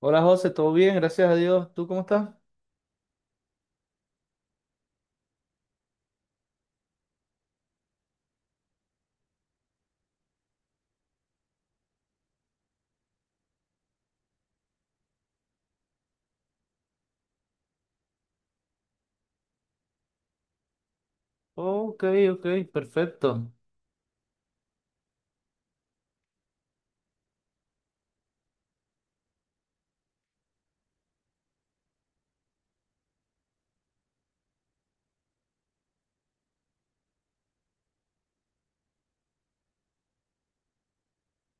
Hola José, ¿todo bien? Gracias a Dios. ¿Tú cómo estás? Ok, ok, perfecto.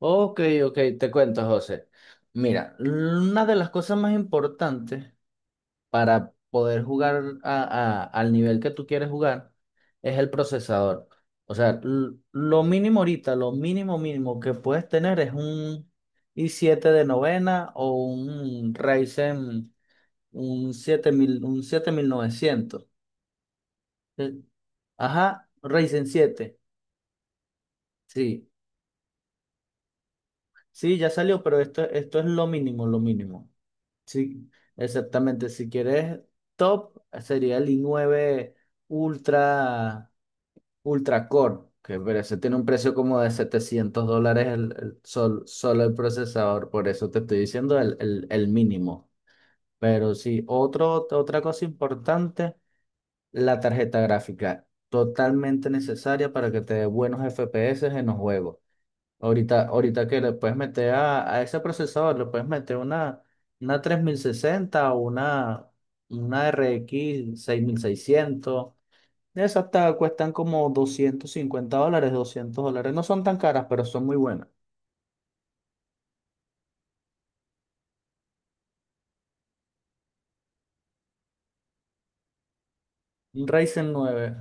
Ok, ok, te cuento, José. Mira, una de las cosas más importantes para poder jugar al nivel que tú quieres jugar es el procesador. O sea, lo mínimo ahorita, lo mínimo mínimo que puedes tener es un i7 de novena o un Ryzen, un 7000 un 7900. Eh, Ajá, Ryzen siete. Sí. Sí, ya salió, pero esto es lo mínimo, lo mínimo. Sí, exactamente. Si quieres top, sería el i9 Ultra, Ultra Core, que pero ese tiene un precio como de $700 solo el procesador. Por eso te estoy diciendo el mínimo. Pero sí, otra cosa importante, la tarjeta gráfica. Totalmente necesaria para que te dé buenos FPS en los juegos. Ahorita, ahorita que le puedes meter a ese procesador, le puedes meter una 3060 o una RX 6600. Esas hasta cuestan como $250, $200. No son tan caras, pero son muy buenas. Un Ryzen nueve.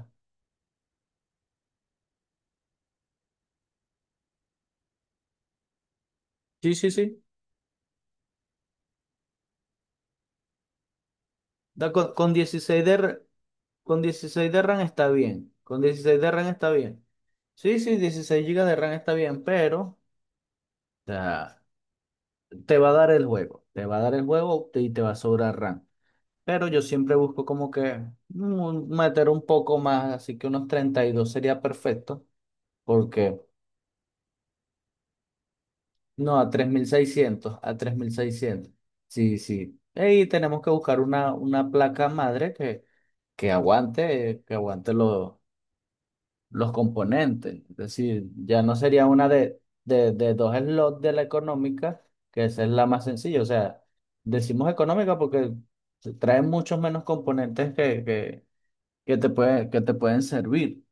Sí, sí, sí. Da con 16 de, con 16 de RAM está bien. Con 16 de RAM está bien. Sí, sí, 16 GB de RAM está bien, pero o sea, te va a dar el juego. Te va a dar el juego y te va a sobrar RAM. Pero yo siempre busco como que meter un poco más, así que unos 32 sería perfecto, porque no, a 3600, a tres mil seiscientos. Sí, sí. Y tenemos que buscar una placa madre que aguante los componentes. Es decir, ya no sería una de dos slots, de la económica, que esa es la más sencilla. O sea, decimos económica porque trae muchos menos componentes que te puede, que te pueden servir.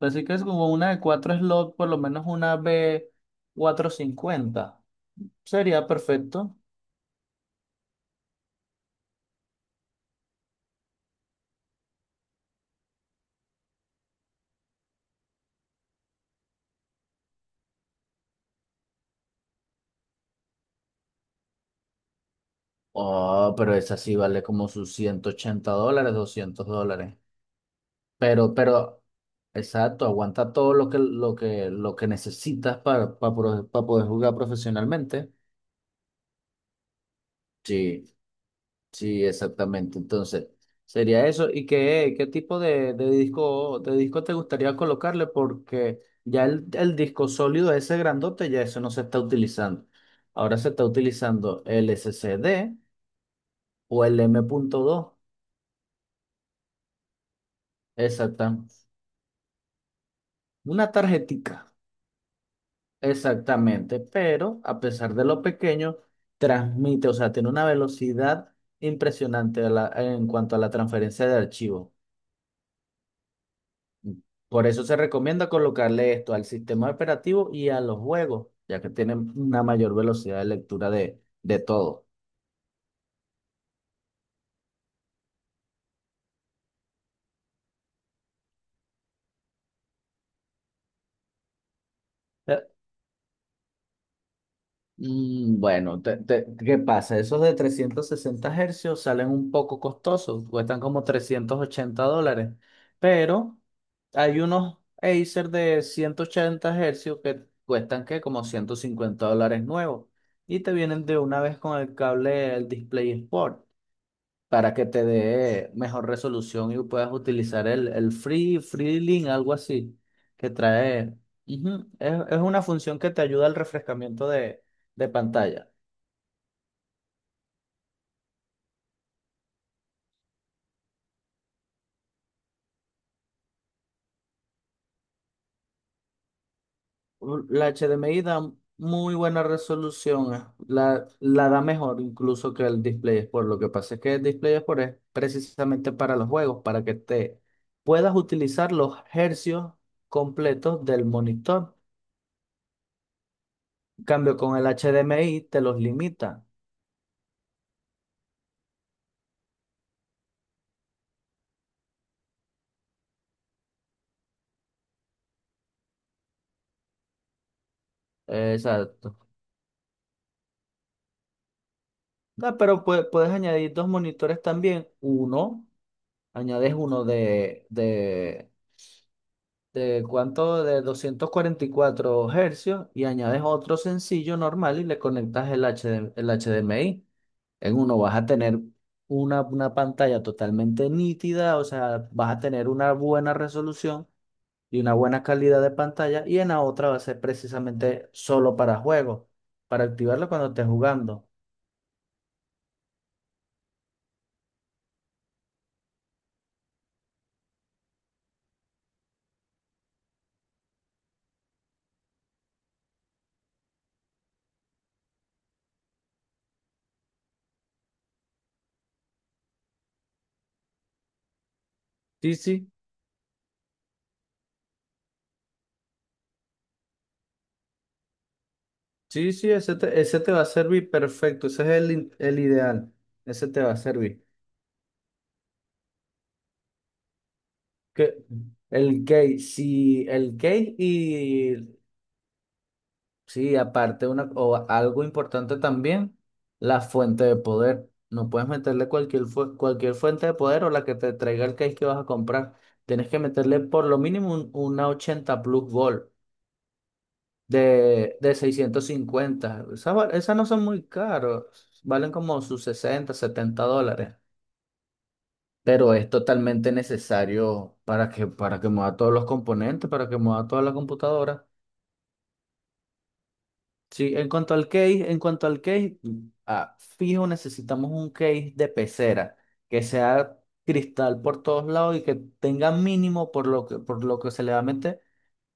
Así que es como una de cuatro slot, por lo menos una B450. Sería perfecto. Oh, pero esa sí vale como sus $180, $200. Pero, exacto, aguanta todo lo que necesitas para, poder jugar profesionalmente. Sí. Sí, exactamente. Entonces, sería eso. ¿Y qué, qué tipo de disco te gustaría colocarle? Porque ya el disco sólido ese grandote, ya eso no se está utilizando. Ahora se está utilizando el SSD o el M.2. Exacta. Una tarjetica. Exactamente. Pero a pesar de lo pequeño, transmite, o sea, tiene una velocidad impresionante en cuanto a la transferencia de archivos. Por eso se recomienda colocarle esto al sistema operativo y a los juegos, ya que tienen una mayor velocidad de lectura de todo. Eh, Bueno, ¿qué pasa? Esos de 360 Hz salen un poco costosos, cuestan como $380, pero hay unos Acer de 180 Hz que cuestan que como $150 nuevos y te vienen de una vez con el cable, el Display Sport, para que te dé mejor resolución y puedas utilizar el Free, Freelink, algo así, que trae. Ujú. Es una función que te ayuda al refrescamiento de pantalla. La HDMI da muy buena resolución, la, la da mejor incluso que el Display Export. Lo que pasa es que el Display Export es precisamente para los juegos, para que te puedas utilizar los hercios completos del monitor. En cambio, con el HDMI te los limita. Exacto. No, pero puedes añadir dos monitores también. Uno, añades uno de cuánto, de 244 Hz y añades otro sencillo normal y le conectas el HDMI. En uno vas a tener una pantalla totalmente nítida, o sea, vas a tener una buena resolución y una buena calidad de pantalla y en la otra va a ser precisamente solo para juegos, para activarlo cuando estés jugando. Sí, sí. Sí, sí, ese te va a servir perfecto, ese es el ideal, ese te va a servir. Que, el gay, sí, sí, aparte una, o algo importante también, la fuente de poder. No puedes meterle cualquier fuente de poder o la que te traiga el case que vas a comprar. Tienes que meterle por lo mínimo una 80 Plus volt de 650. Esas, esas no son muy caros, valen como sus 60, 70 dólares. Pero es totalmente necesario para que mueva todos los componentes, para que mueva toda la computadora. Sí, en cuanto al case, en cuanto al case, ah, fijo, necesitamos un case de pecera que sea cristal por todos lados y que tenga mínimo por lo que se le va a meter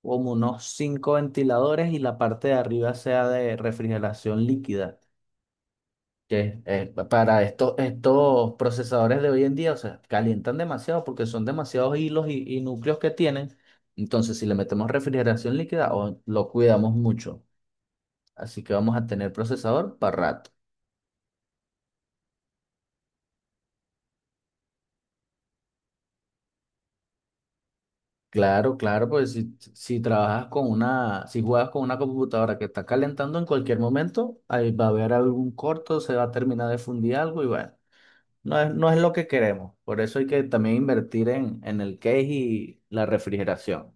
como unos cinco ventiladores y la parte de arriba sea de refrigeración líquida. Que para estos procesadores de hoy en día, o sea, calientan demasiado porque son demasiados hilos y núcleos que tienen. Entonces, si le metemos refrigeración líquida, o lo cuidamos mucho. Así que vamos a tener procesador para rato. Claro, claro, pues si, si trabajas con una, si juegas con una computadora que está calentando en cualquier momento, ahí va a haber algún corto, se va a terminar de fundir algo y bueno, no es lo que queremos. Por eso hay que también invertir en el case y la refrigeración.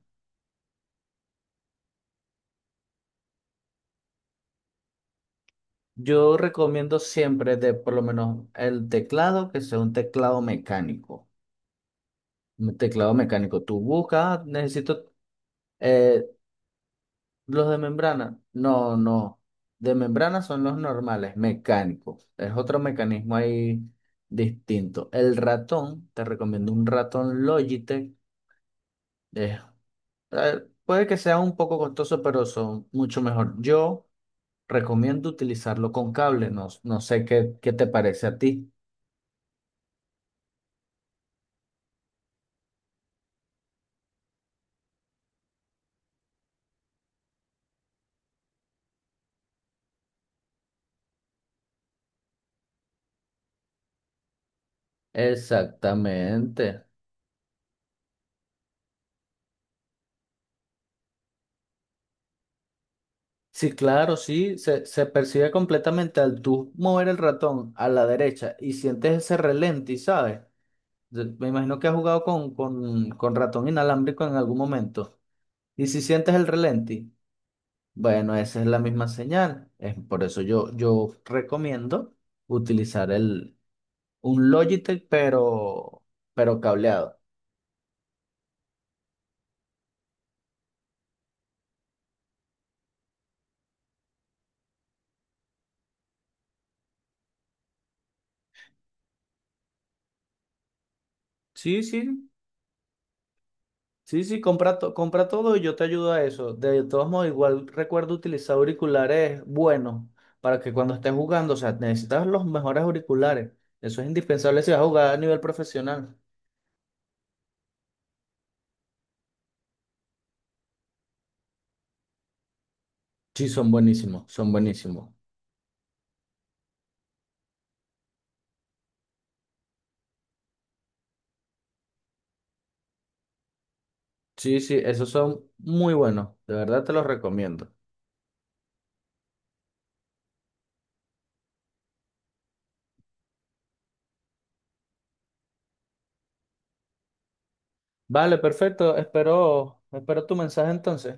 Yo recomiendo siempre de por lo menos el teclado, que sea un teclado mecánico. Un teclado mecánico. Tú buscas, "Ah, necesito eh, los de membrana". No, no. De membrana son los normales, mecánicos. Es otro mecanismo ahí distinto. El ratón, te recomiendo un ratón Logitech. Es puede que sea un poco costoso, pero son mucho mejor. Yo recomiendo utilizarlo con cable. No, no sé qué, qué te parece a ti. Exactamente. Sí, claro, sí, se percibe completamente al tú mover el ratón a la derecha y sientes ese relenti, ¿sabes? Yo- Me imagino que has jugado con ratón inalámbrico en algún momento. Y si sientes el relenti, bueno, esa es la misma señal. Es por eso yo, yo recomiendo utilizar un Logitech, pero cableado. Sí, sí. Sí, sí, compra, compra todo y yo te ayudo a eso. De todos modos, igual recuerdo utilizar auriculares buenos para que cuando estés jugando, o sea, necesitas los mejores auriculares. Eso es indispensable si vas a jugar a nivel profesional. Sí, son buenísimos, son buenísimos. Sí, sí, esos son muy buenos. De verdad te los recomiendo. Vale, perfecto. Espero, espero tu mensaje entonces.